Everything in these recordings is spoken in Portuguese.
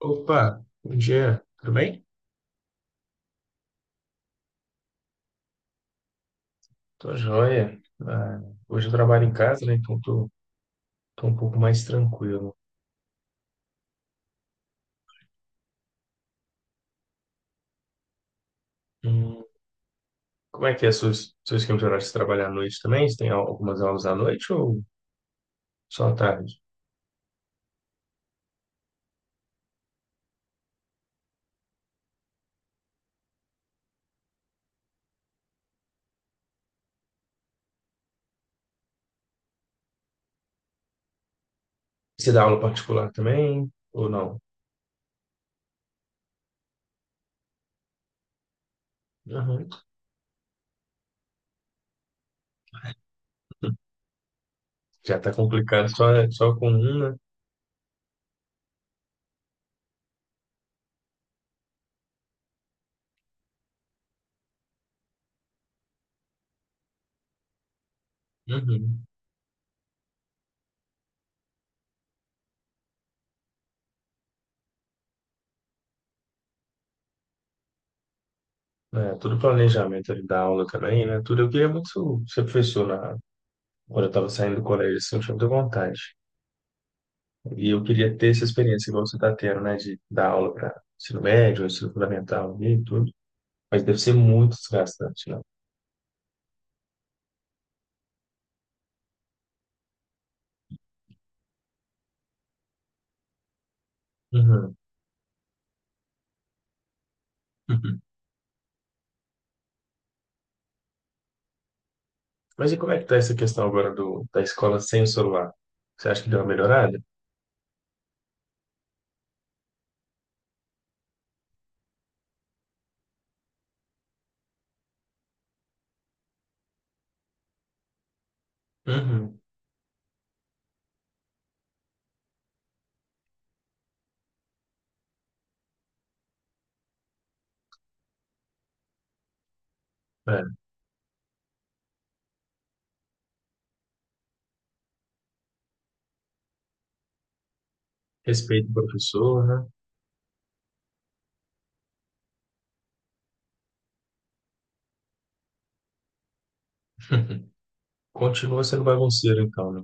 Opa, bom dia, tudo bem? Tô joia. Ah, hoje eu trabalho em casa, né? Então tô um pouco mais tranquilo. Hum, como é que é seu esquema de horário? Você trabalha à noite também? Você tem algumas aulas à noite ou só à tarde? Você dá aula particular também ou não? Uhum. Já tá complicado só com um, né? Uhum. É, tudo planejamento ali da aula também, né? Tudo. Eu queria muito ser professor quando eu tava saindo do colégio, assim, eu tinha muita vontade. E eu queria ter essa experiência igual você está tendo, né? De dar aula para ensino médio, ensino fundamental e tudo. Mas deve ser muito desgastante, né? Uhum. Uhum. Mas e como é que tá essa questão agora da escola sem o celular? Você acha que deu uma melhorada? Uhum. É. Respeito o professor, né? Continua sendo bagunceiro, então, né?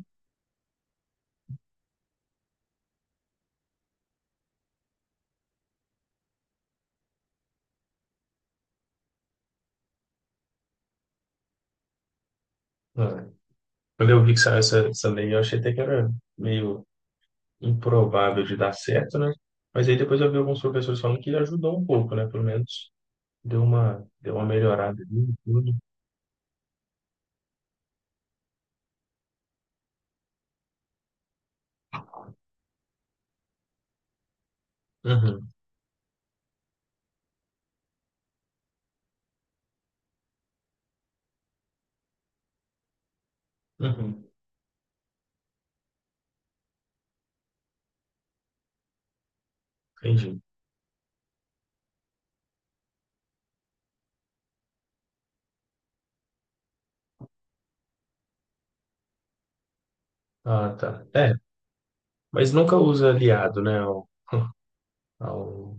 É. Quando eu vi que saiu essa lei, eu achei até que era meio improvável de dar certo, né? Mas aí depois eu vi alguns professores falando que ajudou um pouco, né? Pelo menos deu uma melhorada ali em tudo. Uhum, uhum, entendi. Ah, tá. É, mas nunca usa aliado, né? Ao, ao,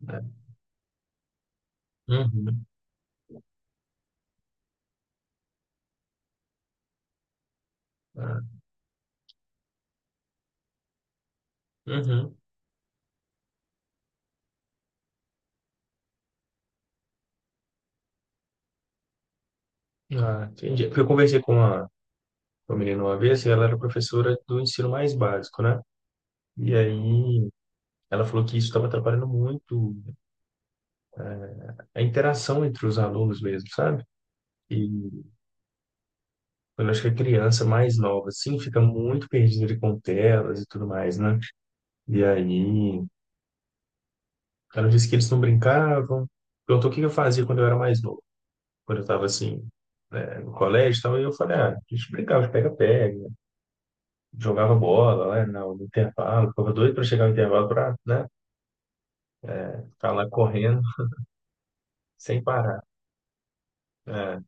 né? Uhum, ah, uhum. Ah, entendi. Porque eu conversei com uma menina uma vez e ela era professora do ensino mais básico, né? E aí ela falou que isso estava atrapalhando muito a interação entre os alunos mesmo, sabe? E eu acho que a criança mais nova, assim, fica muito perdida ali com telas e tudo mais, né? E aí, ela disse que eles não brincavam. Perguntou o que que eu fazia quando eu era mais novo, quando eu estava assim, né, no colégio e tal. E eu falei, ah, a gente brincava de pega-pega, jogava bola lá no intervalo, ficava doido para chegar no intervalo para, né, ficar lá correndo sem parar, né,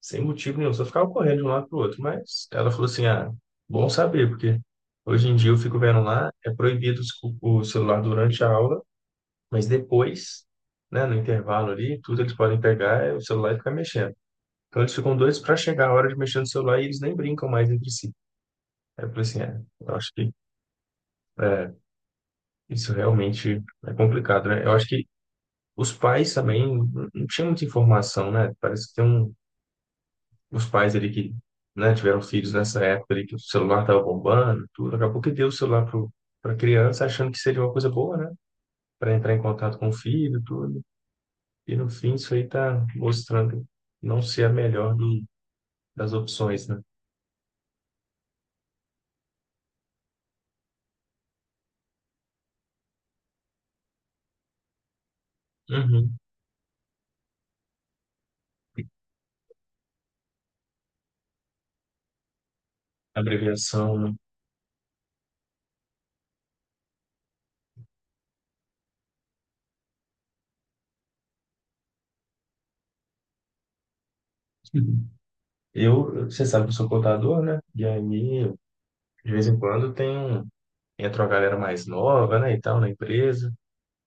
sem motivo nenhum, só ficava correndo de um lado para o outro. Mas ela falou assim, ah, bom saber, porque hoje em dia eu fico vendo lá, é proibido o celular durante a aula, mas depois. Né, no intervalo ali, tudo eles podem pegar é o celular e ficar mexendo. Então eles ficam doidos para chegar a hora de mexer no celular e eles nem brincam mais entre si. Aí eu falei assim, é, eu acho que é, isso realmente é complicado, né? Eu acho que os pais também não tinham muita informação, né? Parece que tem os pais ali que, né, tiveram filhos nessa época ali que o celular estava bombando, tudo. Acabou que deu o celular pra criança achando que seria uma coisa boa, né? Para entrar em contato com o filho, tudo. E no fim isso aí tá mostrando não ser a melhor das opções, né? Uhum. Abreviação, né? Você sabe que eu sou contador, né? E aí, de vez em quando, entra uma galera mais nova, né, e tal, na empresa.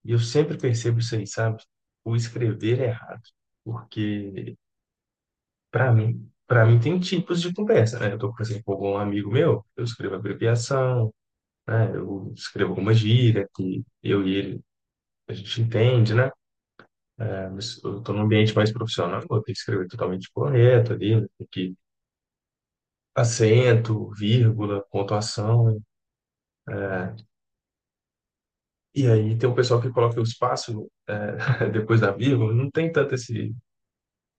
E eu sempre percebo isso aí, sabe? O escrever é errado. Porque, para mim tem tipos de conversa, né? Eu tô conversando com algum amigo meu, eu escrevo abreviação, né? Eu escrevo alguma gíria que eu e ele, a gente entende, né? É, mas eu tô num ambiente mais profissional, eu tenho que escrever totalmente correto ali, né? Tem que acento, vírgula, pontuação, né? E aí tem um pessoal que coloca o espaço depois da vírgula, não tem tanto esse.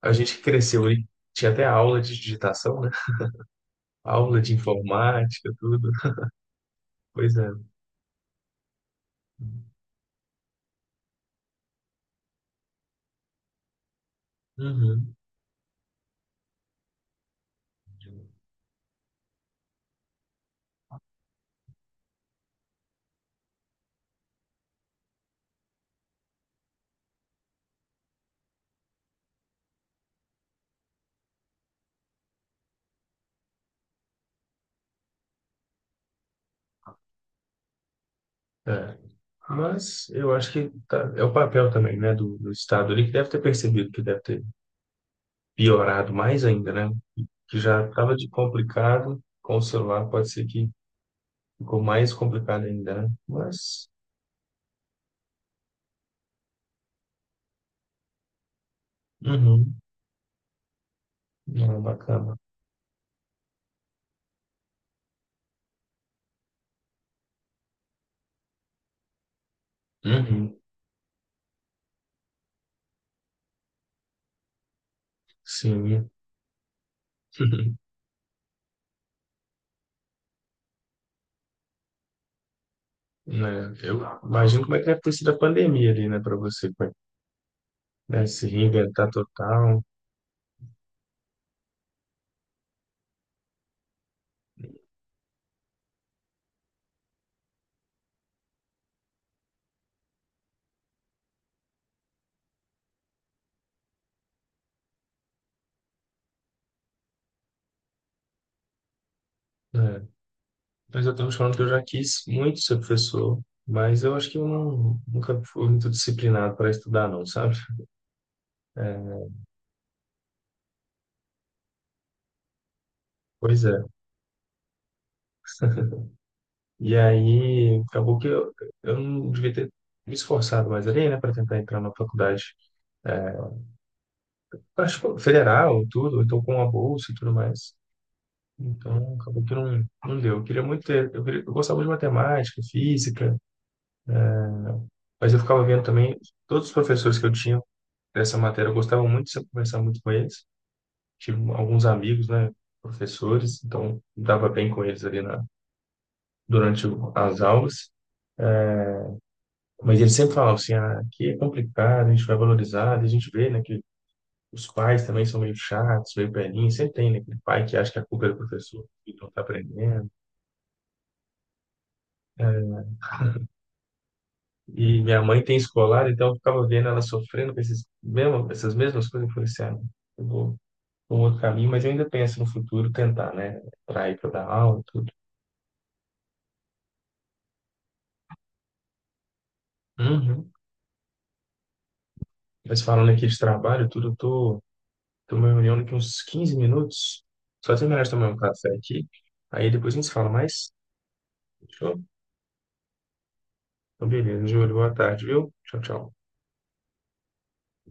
A gente cresceu aí, tinha até aula de digitação, né? Aula de informática, tudo. Pois é. Uhum. É. Mas eu acho que é o papel também, né, do Estado ali, que deve ter percebido que deve ter piorado mais ainda, né? Que já estava de complicado com o celular, pode ser que ficou mais complicado ainda, né? Mas, uhum, não, bacana. Uhum, sim. né? Eu imagino como é que deve ter sido a pandemia ali, né, para você, como é que, né, se reinventar total, né? Mas eu tenho falando que eu já quis muito ser professor, mas eu acho que eu nunca fui muito disciplinado para estudar, não, sabe? É, pois é. E aí, acabou que eu não devia ter me esforçado mais ali, né, para tentar entrar na faculdade, acho que federal, tudo, então com a bolsa e tudo mais. Então, acabou que não, não deu. Eu queria muito ter, eu gostava de matemática, física. Mas eu ficava vendo também, todos os professores que eu tinha dessa matéria, eu gostava muito de conversar muito com eles. Tive alguns amigos, né, professores, então me dava bem com eles ali durante as aulas. Mas eles sempre falavam assim, ah, aqui é complicado, a gente vai valorizar, e a gente vê, né, que os pais também são meio chatos, meio velhinhos, sempre tem, né, aquele pai que acha que a culpa é do professor, que não está aprendendo. É. E minha mãe tem escolar, então eu ficava vendo ela sofrendo com essas mesmas coisas. Eu falei assim, ah, não, eu vou um outro caminho, mas eu ainda penso no futuro tentar, né? Para ir para dar aula e tudo. Uhum. Mas falando aqui de trabalho, e tudo, eu tô numa reunião daqui uns 15 minutos. Só terminar de tomar um café aqui. Aí depois a gente se fala mais. Fechou? Então, beleza, Júlio. Boa tarde, viu? Tchau, tchau.